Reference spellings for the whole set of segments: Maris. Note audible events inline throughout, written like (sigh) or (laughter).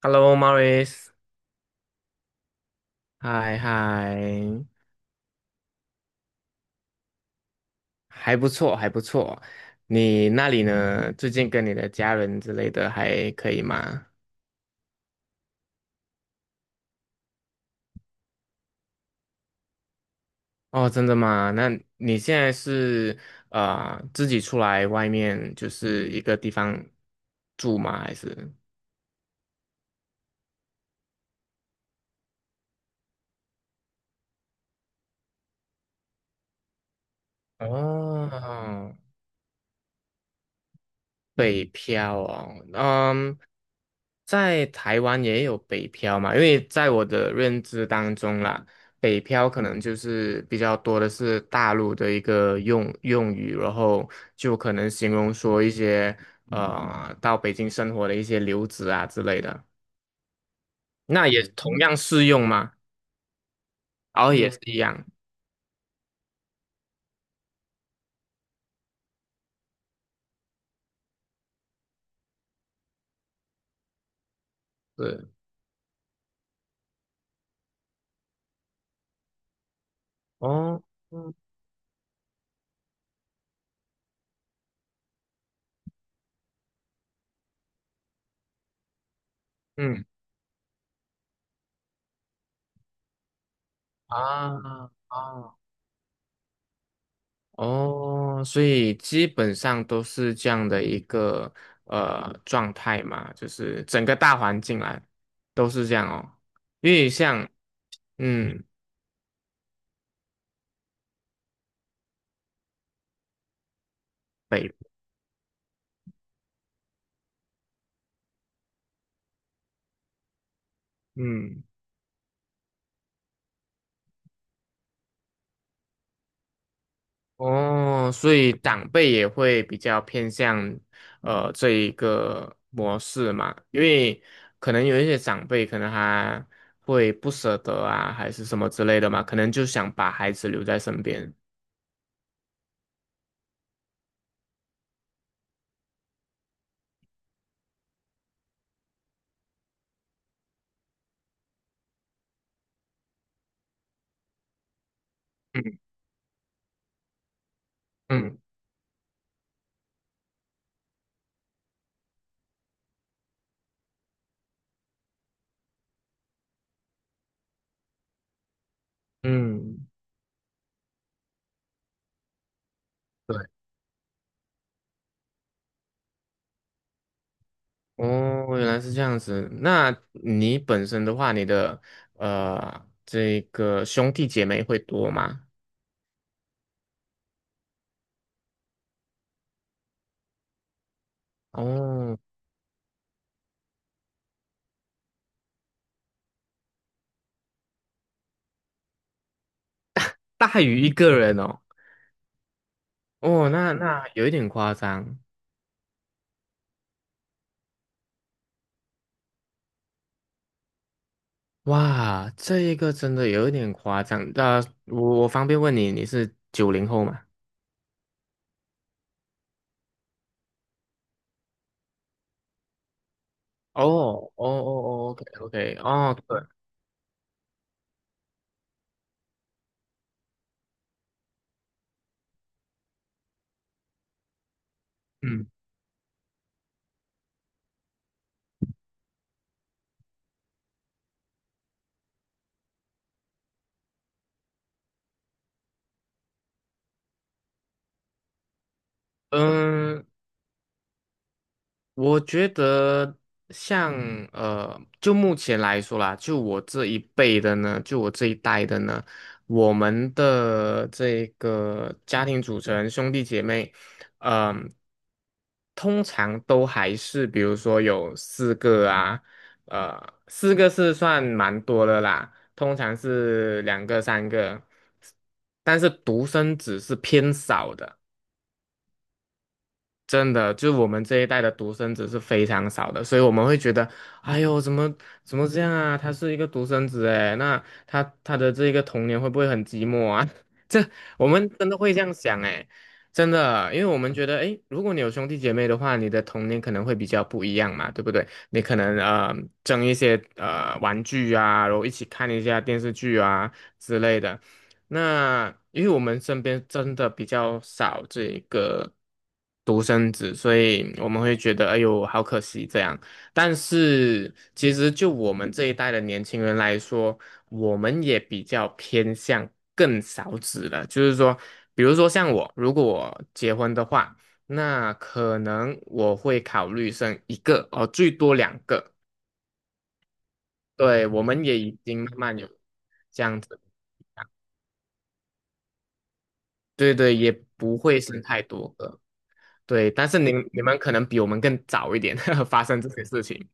Hello, Maris，嗨嗨，还不错，还不错。你那里呢？最近跟你的家人之类的还可以吗？哦，真的吗？那你现在是自己出来外面就是一个地方住吗？还是？哦，北漂哦，嗯，在台湾也有北漂嘛，因为在我的认知当中啦，北漂可能就是比较多的是大陆的一个用语，然后就可能形容说一些到北京生活的一些留子啊之类的，那也同样适用吗？然后也是一样，对，哦，嗯嗯啊啊。哦，所以基本上都是这样的一个状态嘛，就是整个大环境来都是这样哦，因为像嗯北嗯哦，所以长辈也会比较偏向这一个模式嘛，因为可能有一些长辈可能还会不舍得啊，还是什么之类的嘛，可能就想把孩子留在身边。嗯嗯嗯，对。哦，原来是这样子。那你本身的话，你的这个兄弟姐妹会多吗？哦，大于一个人哦。哦，那那有一点夸张。哇，这一个真的有一点夸张。那、我方便问你，你是九零后吗？哦哦哦哦，OK OK，哦对，嗯嗯，我觉得像，就目前来说啦，就我这一辈的呢，就我这一代的呢，我们的这个家庭组成兄弟姐妹，嗯、通常都还是比如说有四个啊，四个是算蛮多的啦，通常是两个三个，但是独生子是偏少的。真的，就我们这一代的独生子是非常少的，所以我们会觉得，哎呦，怎么这样啊？他是一个独生子，哎，那他的这个童年会不会很寂寞啊？(laughs) 这我们真的会这样想，哎，真的，因为我们觉得，哎，如果你有兄弟姐妹的话，你的童年可能会比较不一样嘛，对不对？你可能争一些玩具啊，然后一起看一下电视剧啊之类的。那因为我们身边真的比较少这个独生子，所以我们会觉得哎呦好可惜这样。但是其实就我们这一代的年轻人来说，我们也比较偏向更少子了。就是说，比如说像我，如果我结婚的话，那可能我会考虑生一个哦，最多两个。对，我们也已经慢慢有这样子，对对，也不会生太多个。对，但是你们可能比我们更早一点 (laughs) 发生这些事情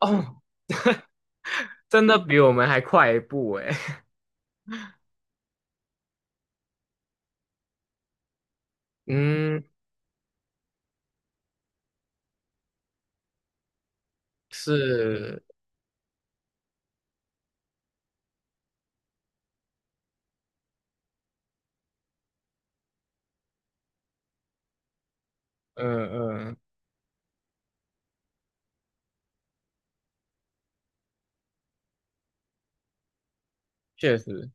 哦，(laughs) 真的比我们还快一步诶。嗯，是，嗯嗯，确实，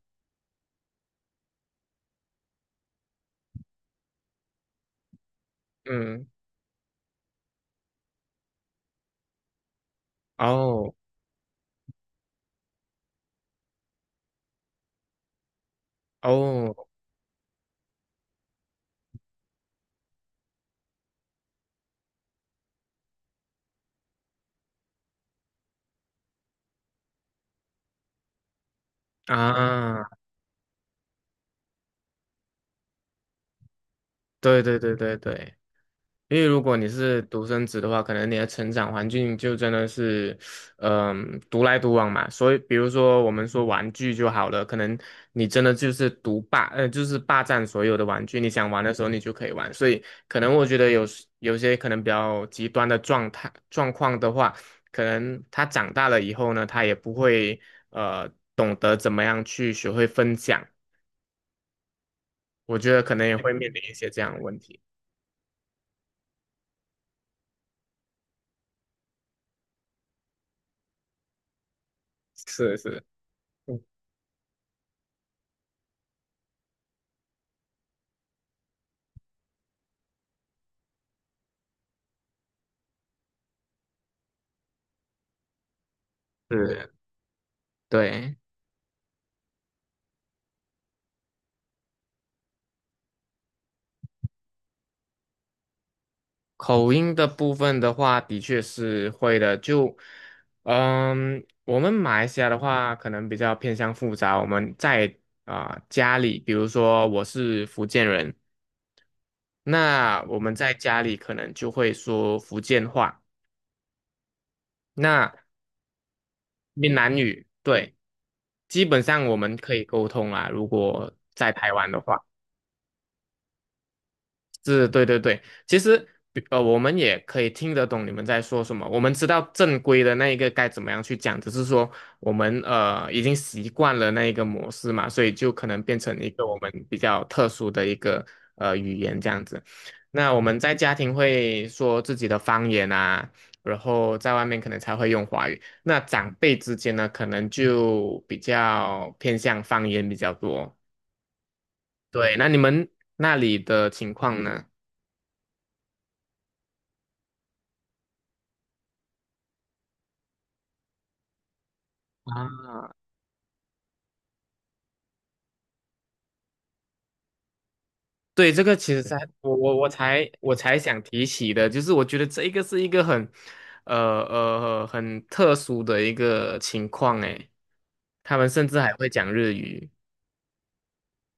嗯，哦哦啊，对对对对对，因为如果你是独生子的话，可能你的成长环境就真的是，嗯、独来独往嘛。所以，比如说我们说玩具就好了，可能你真的就是独霸，就是霸占所有的玩具，你想玩的时候你就可以玩。所以，可能我觉得有时有些可能比较极端的状况的话，可能他长大了以后呢，他也不会呃懂得怎么样去学会分享。我觉得可能也会面临一些这样的问题。是是，嗯是，对。口音的部分的话，的确是会的。就，嗯，我们马来西亚的话，可能比较偏向复杂。我们在啊、家里，比如说我是福建人，那我们在家里可能就会说福建话，那闽南语，对，基本上我们可以沟通啦。如果在台湾的话。是，对对对，其实比，我们也可以听得懂你们在说什么，我们知道正规的那一个该怎么样去讲，只是说我们已经习惯了那一个模式嘛，所以就可能变成一个我们比较特殊的一个语言这样子。那我们在家庭会说自己的方言啊，然后在外面可能才会用华语。那长辈之间呢，可能就比较偏向方言比较多。对，那你们那里的情况呢？啊。对，这个其实才我才想提起的，就是我觉得这一个是一个很，很特殊的一个情况诶，他们甚至还会讲日语，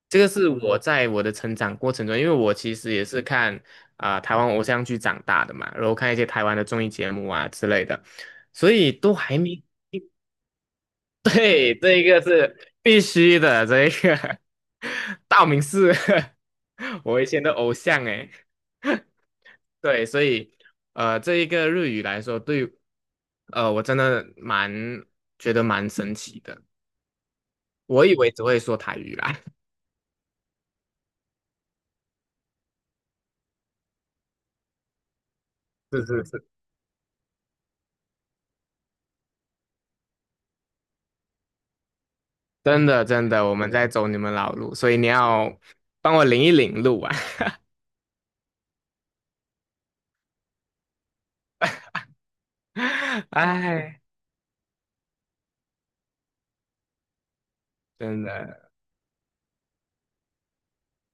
这个是我在我的成长过程中，因为我其实也是看啊、台湾偶像剧长大的嘛，然后看一些台湾的综艺节目啊之类的，所以都还没 (laughs) 对，这一个是必须的，这一个 (laughs) 道明寺 (laughs) 我以前的偶像诶。(laughs) 对，所以，这一个日语来说，对，呃，我真的蛮觉得蛮神奇的。我以为只会说台语啦，(laughs) 是是是，真的真的，我们在走你们老路，所以你要帮我领一领路啊！(laughs) 哎，真的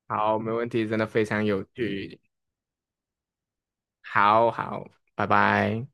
好，没问题，真的非常有趣，好好，拜拜。